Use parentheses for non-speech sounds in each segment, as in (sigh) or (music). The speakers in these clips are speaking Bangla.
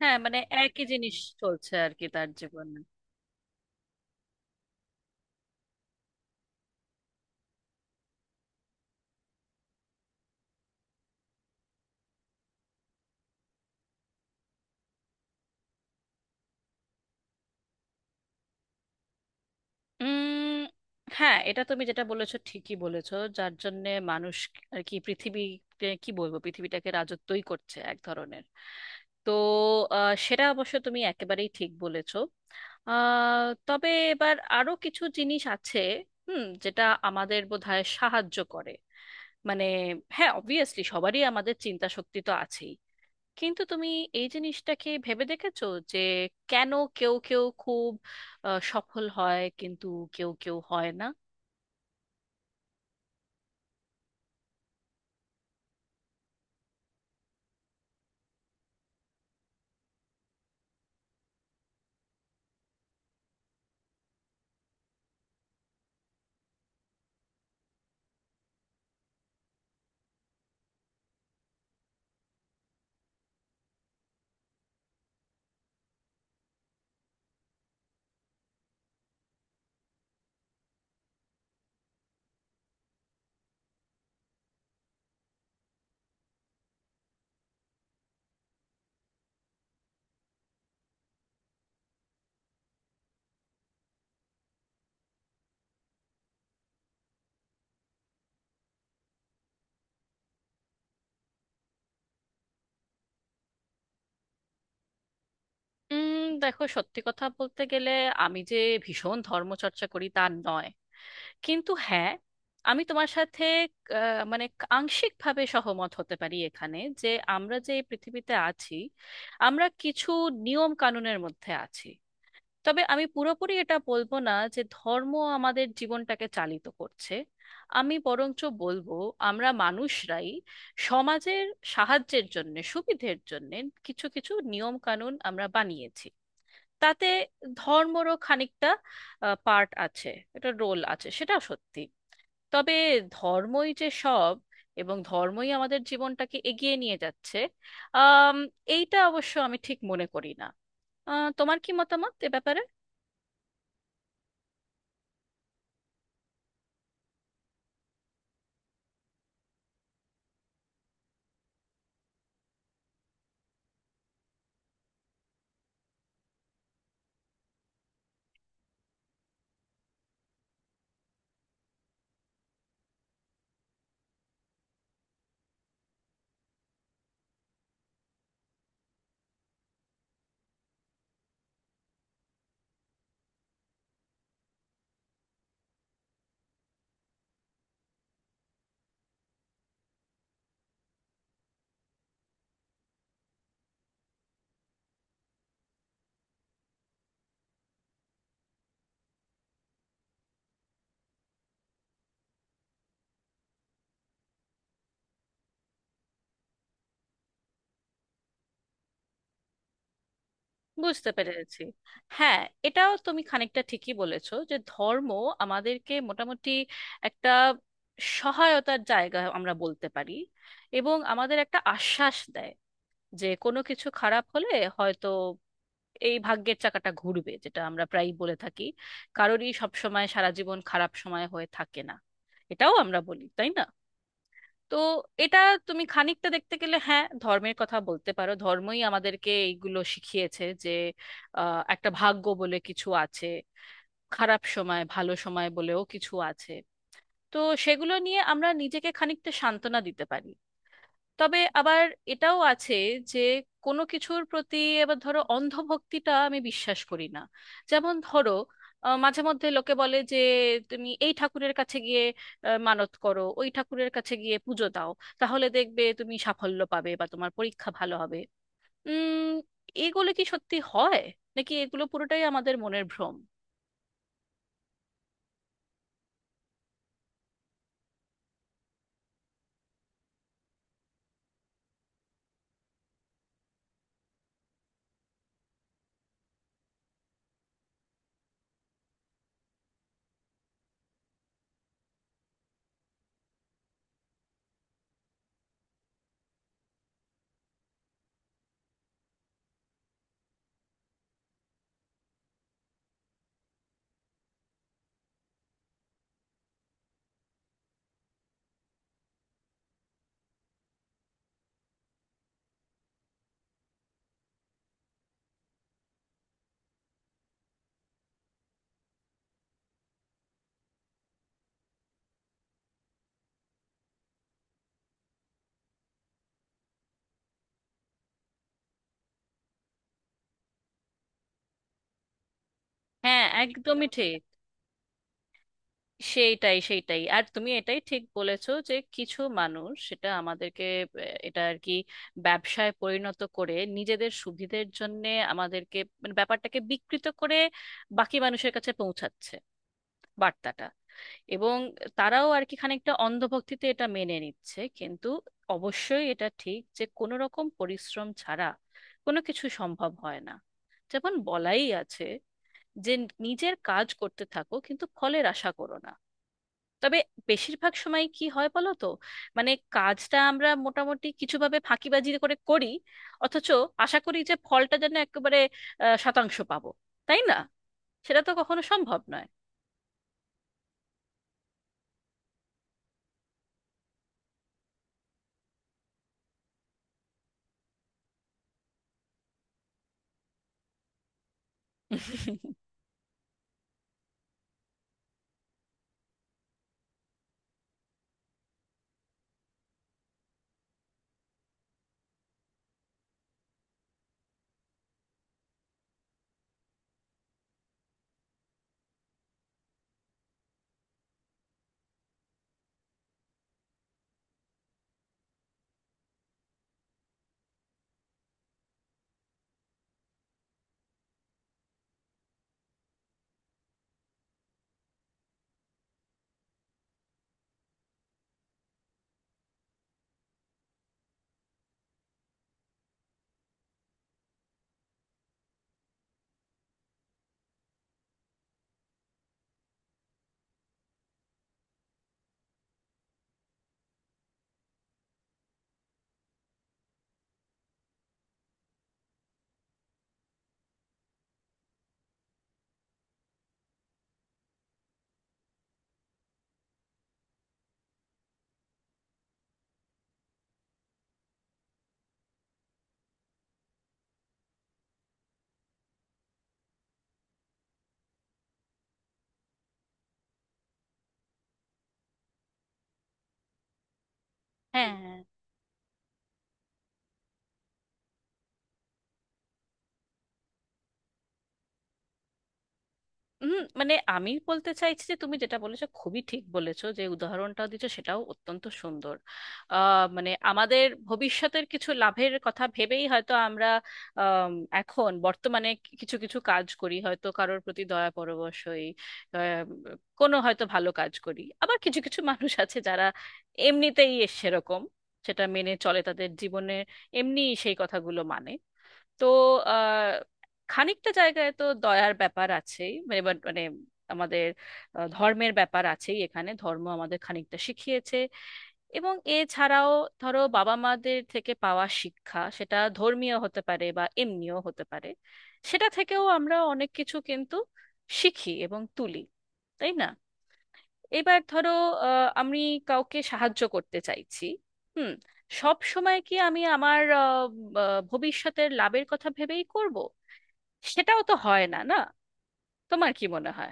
হ্যাঁ মানে একই জিনিস চলছে আর কি তার জীবনে। উম হ্যাঁ, এটা তুমি যেটা বলেছো ঠিকই বলেছো, যার জন্যে মানুষ আর কি পৃথিবীতে, কি বলবো, পৃথিবীটাকে রাজত্বই করছে এক ধরনের। তো সেটা অবশ্য তুমি একেবারেই ঠিক বলেছো। তবে এবার আরো কিছু জিনিস আছে, হুম, যেটা আমাদের বোধহয় সাহায্য করে। মানে হ্যাঁ, অবভিয়াসলি সবারই আমাদের চিন্তা শক্তি তো আছেই, কিন্তু তুমি এই জিনিসটাকে ভেবে দেখেছো যে কেন কেউ কেউ খুব সফল হয় কিন্তু কেউ কেউ হয় না? দেখো, সত্যি কথা বলতে গেলে আমি যে ভীষণ ধর্মচর্চা করি তা নয়, কিন্তু হ্যাঁ, আমি তোমার সাথে মানে আংশিকভাবে সহমত হতে পারি এখানে, যে আমরা যে এই পৃথিবীতে আছি আমরা কিছু নিয়ম কানুনের মধ্যে আছি। তবে আমি পুরোপুরি এটা বলবো না যে ধর্ম আমাদের জীবনটাকে চালিত করছে। আমি বরঞ্চ বলবো আমরা মানুষরাই সমাজের সাহায্যের জন্য, সুবিধের জন্য কিছু কিছু নিয়ম কানুন আমরা বানিয়েছি। তাতে ধর্মরও খানিকটা পার্ট আছে, এটা রোল আছে, সেটা সত্যি। তবে ধর্মই যে সব এবং ধর্মই আমাদের জীবনটাকে এগিয়ে নিয়ে যাচ্ছে, আম, এইটা অবশ্য আমি ঠিক মনে করি না। তোমার কি মতামত এ ব্যাপারে? বুঝতে পেরেছি। হ্যাঁ, এটাও তুমি খানিকটা ঠিকই বলেছো যে ধর্ম আমাদেরকে মোটামুটি একটা সহায়তার জায়গা আমরা বলতে পারি, এবং আমাদের একটা আশ্বাস দেয় যে কোনো কিছু খারাপ হলে হয়তো এই ভাগ্যের চাকাটা ঘুরবে, যেটা আমরা প্রায়ই বলে থাকি। কারোরই সব সময় সারা জীবন খারাপ সময় হয়ে থাকে না, এটাও আমরা বলি, তাই না? তো এটা তুমি খানিকটা দেখতে গেলে হ্যাঁ, ধর্মের কথা বলতে পারো, ধর্মই আমাদেরকে এইগুলো শিখিয়েছে যে একটা ভাগ্য বলে কিছু আছে, খারাপ সময় ভালো সময় বলেও কিছু আছে। তো সেগুলো নিয়ে আমরা নিজেকে খানিকটা সান্ত্বনা দিতে পারি। তবে আবার এটাও আছে যে কোনো কিছুর প্রতি, এবার ধরো, অন্ধভক্তিটা আমি বিশ্বাস করি না। যেমন ধরো মাঝে মধ্যে লোকে বলে যে তুমি এই ঠাকুরের কাছে গিয়ে মানত করো, ওই ঠাকুরের কাছে গিয়ে পুজো দাও, তাহলে দেখবে তুমি সাফল্য পাবে বা তোমার পরীক্ষা ভালো হবে। উম এগুলো কি সত্যি হয়, নাকি এগুলো পুরোটাই আমাদের মনের ভ্রম? হ্যাঁ, একদমই ঠিক। সেইটাই সেইটাই, আর তুমি এটাই ঠিক বলেছো যে কিছু মানুষ সেটা আমাদেরকে, এটা আর কি, ব্যবসায় পরিণত করে নিজেদের সুবিধের জন্য। আমাদেরকে মানে ব্যাপারটাকে বিকৃত করে বাকি মানুষের কাছে পৌঁছাচ্ছে বার্তাটা, এবং তারাও আর কি খানিকটা অন্ধভক্তিতে এটা মেনে নিচ্ছে। কিন্তু অবশ্যই এটা ঠিক যে কোনো রকম পরিশ্রম ছাড়া কোনো কিছু সম্ভব হয় না। যেমন বলাই আছে যে নিজের কাজ করতে থাকো কিন্তু ফলের আশা করো না। তবে বেশিরভাগ সময় কি হয় বলো তো, মানে কাজটা আমরা মোটামুটি কিছুভাবে ফাঁকিবাজি করে করি, অথচ আশা করি যে ফলটা যেন একেবারে শতাংশ পাবো, তাই না? সেটা তো কখনো সম্ভব নয়। (laughs) হ্যাঁ। হুম, মানে আমি বলতে চাইছি যে তুমি যেটা বলেছো খুবই ঠিক বলেছো, যে উদাহরণটা দিচ্ছ সেটাও অত্যন্ত সুন্দর। মানে আমাদের ভবিষ্যতের কিছু লাভের কথা ভেবেই হয়তো আমরা আম, এখন বর্তমানে কিছু কিছু কাজ করি, হয়তো কারোর প্রতি দয়া পরবশ হই, আহ, কোনো হয়তো ভালো কাজ করি। আবার কিছু কিছু মানুষ আছে যারা এমনিতেই এ সেরকম, সেটা মেনে চলে তাদের জীবনে, এমনি সেই কথাগুলো মানে। তো আহ, খানিকটা জায়গায় তো দয়ার ব্যাপার আছেই। এবার মানে আমাদের ধর্মের ব্যাপার আছেই এখানে, ধর্ম আমাদের খানিকটা শিখিয়েছে। এবং এছাড়াও ধরো বাবা মাদের থেকে পাওয়া শিক্ষা, সেটা ধর্মীয় হতে পারে বা এমনিও হতে পারে, সেটা থেকেও আমরা অনেক কিছু কিন্তু শিখি এবং তুলি, তাই না? এবার ধরো আমি কাউকে সাহায্য করতে চাইছি, হুম, সব সময় কি আমি আমার ভবিষ্যতের লাভের কথা ভেবেই করব? সেটাও তো হয় না, না? তোমার কি মনে হয়?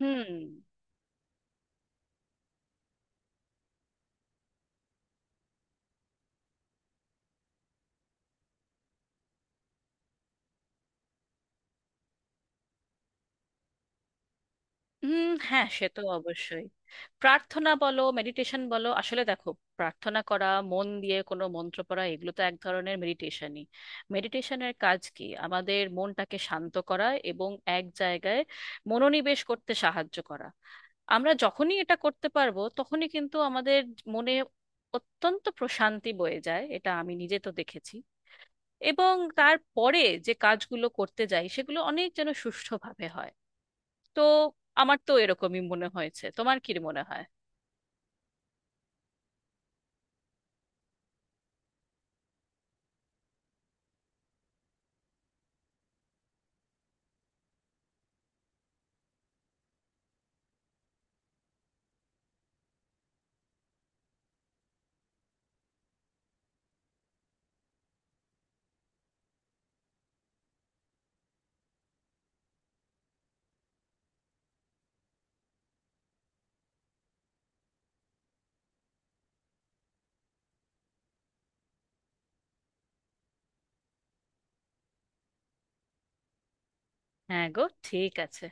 হুম। হুম, হ্যাঁ, সে তো অবশ্যই। প্রার্থনা বলো, মেডিটেশন বলো, আসলে দেখো প্রার্থনা করা, মন দিয়ে কোনো মন্ত্র পড়া, এগুলো তো এক ধরনের মেডিটেশনই। মেডিটেশনের কাজ কি আমাদের মনটাকে শান্ত করা এবং এক জায়গায় মনোনিবেশ করতে সাহায্য করা। আমরা যখনই এটা করতে পারবো তখনই কিন্তু আমাদের মনে অত্যন্ত প্রশান্তি বয়ে যায়, এটা আমি নিজে তো দেখেছি। এবং তারপরে যে কাজগুলো করতে যাই সেগুলো অনেক যেন সুষ্ঠুভাবে হয়। তো আমার তো এরকমই মনে হয়েছে, তোমার কি মনে হয়? হ্যাঁ গো, ঠিক আছে।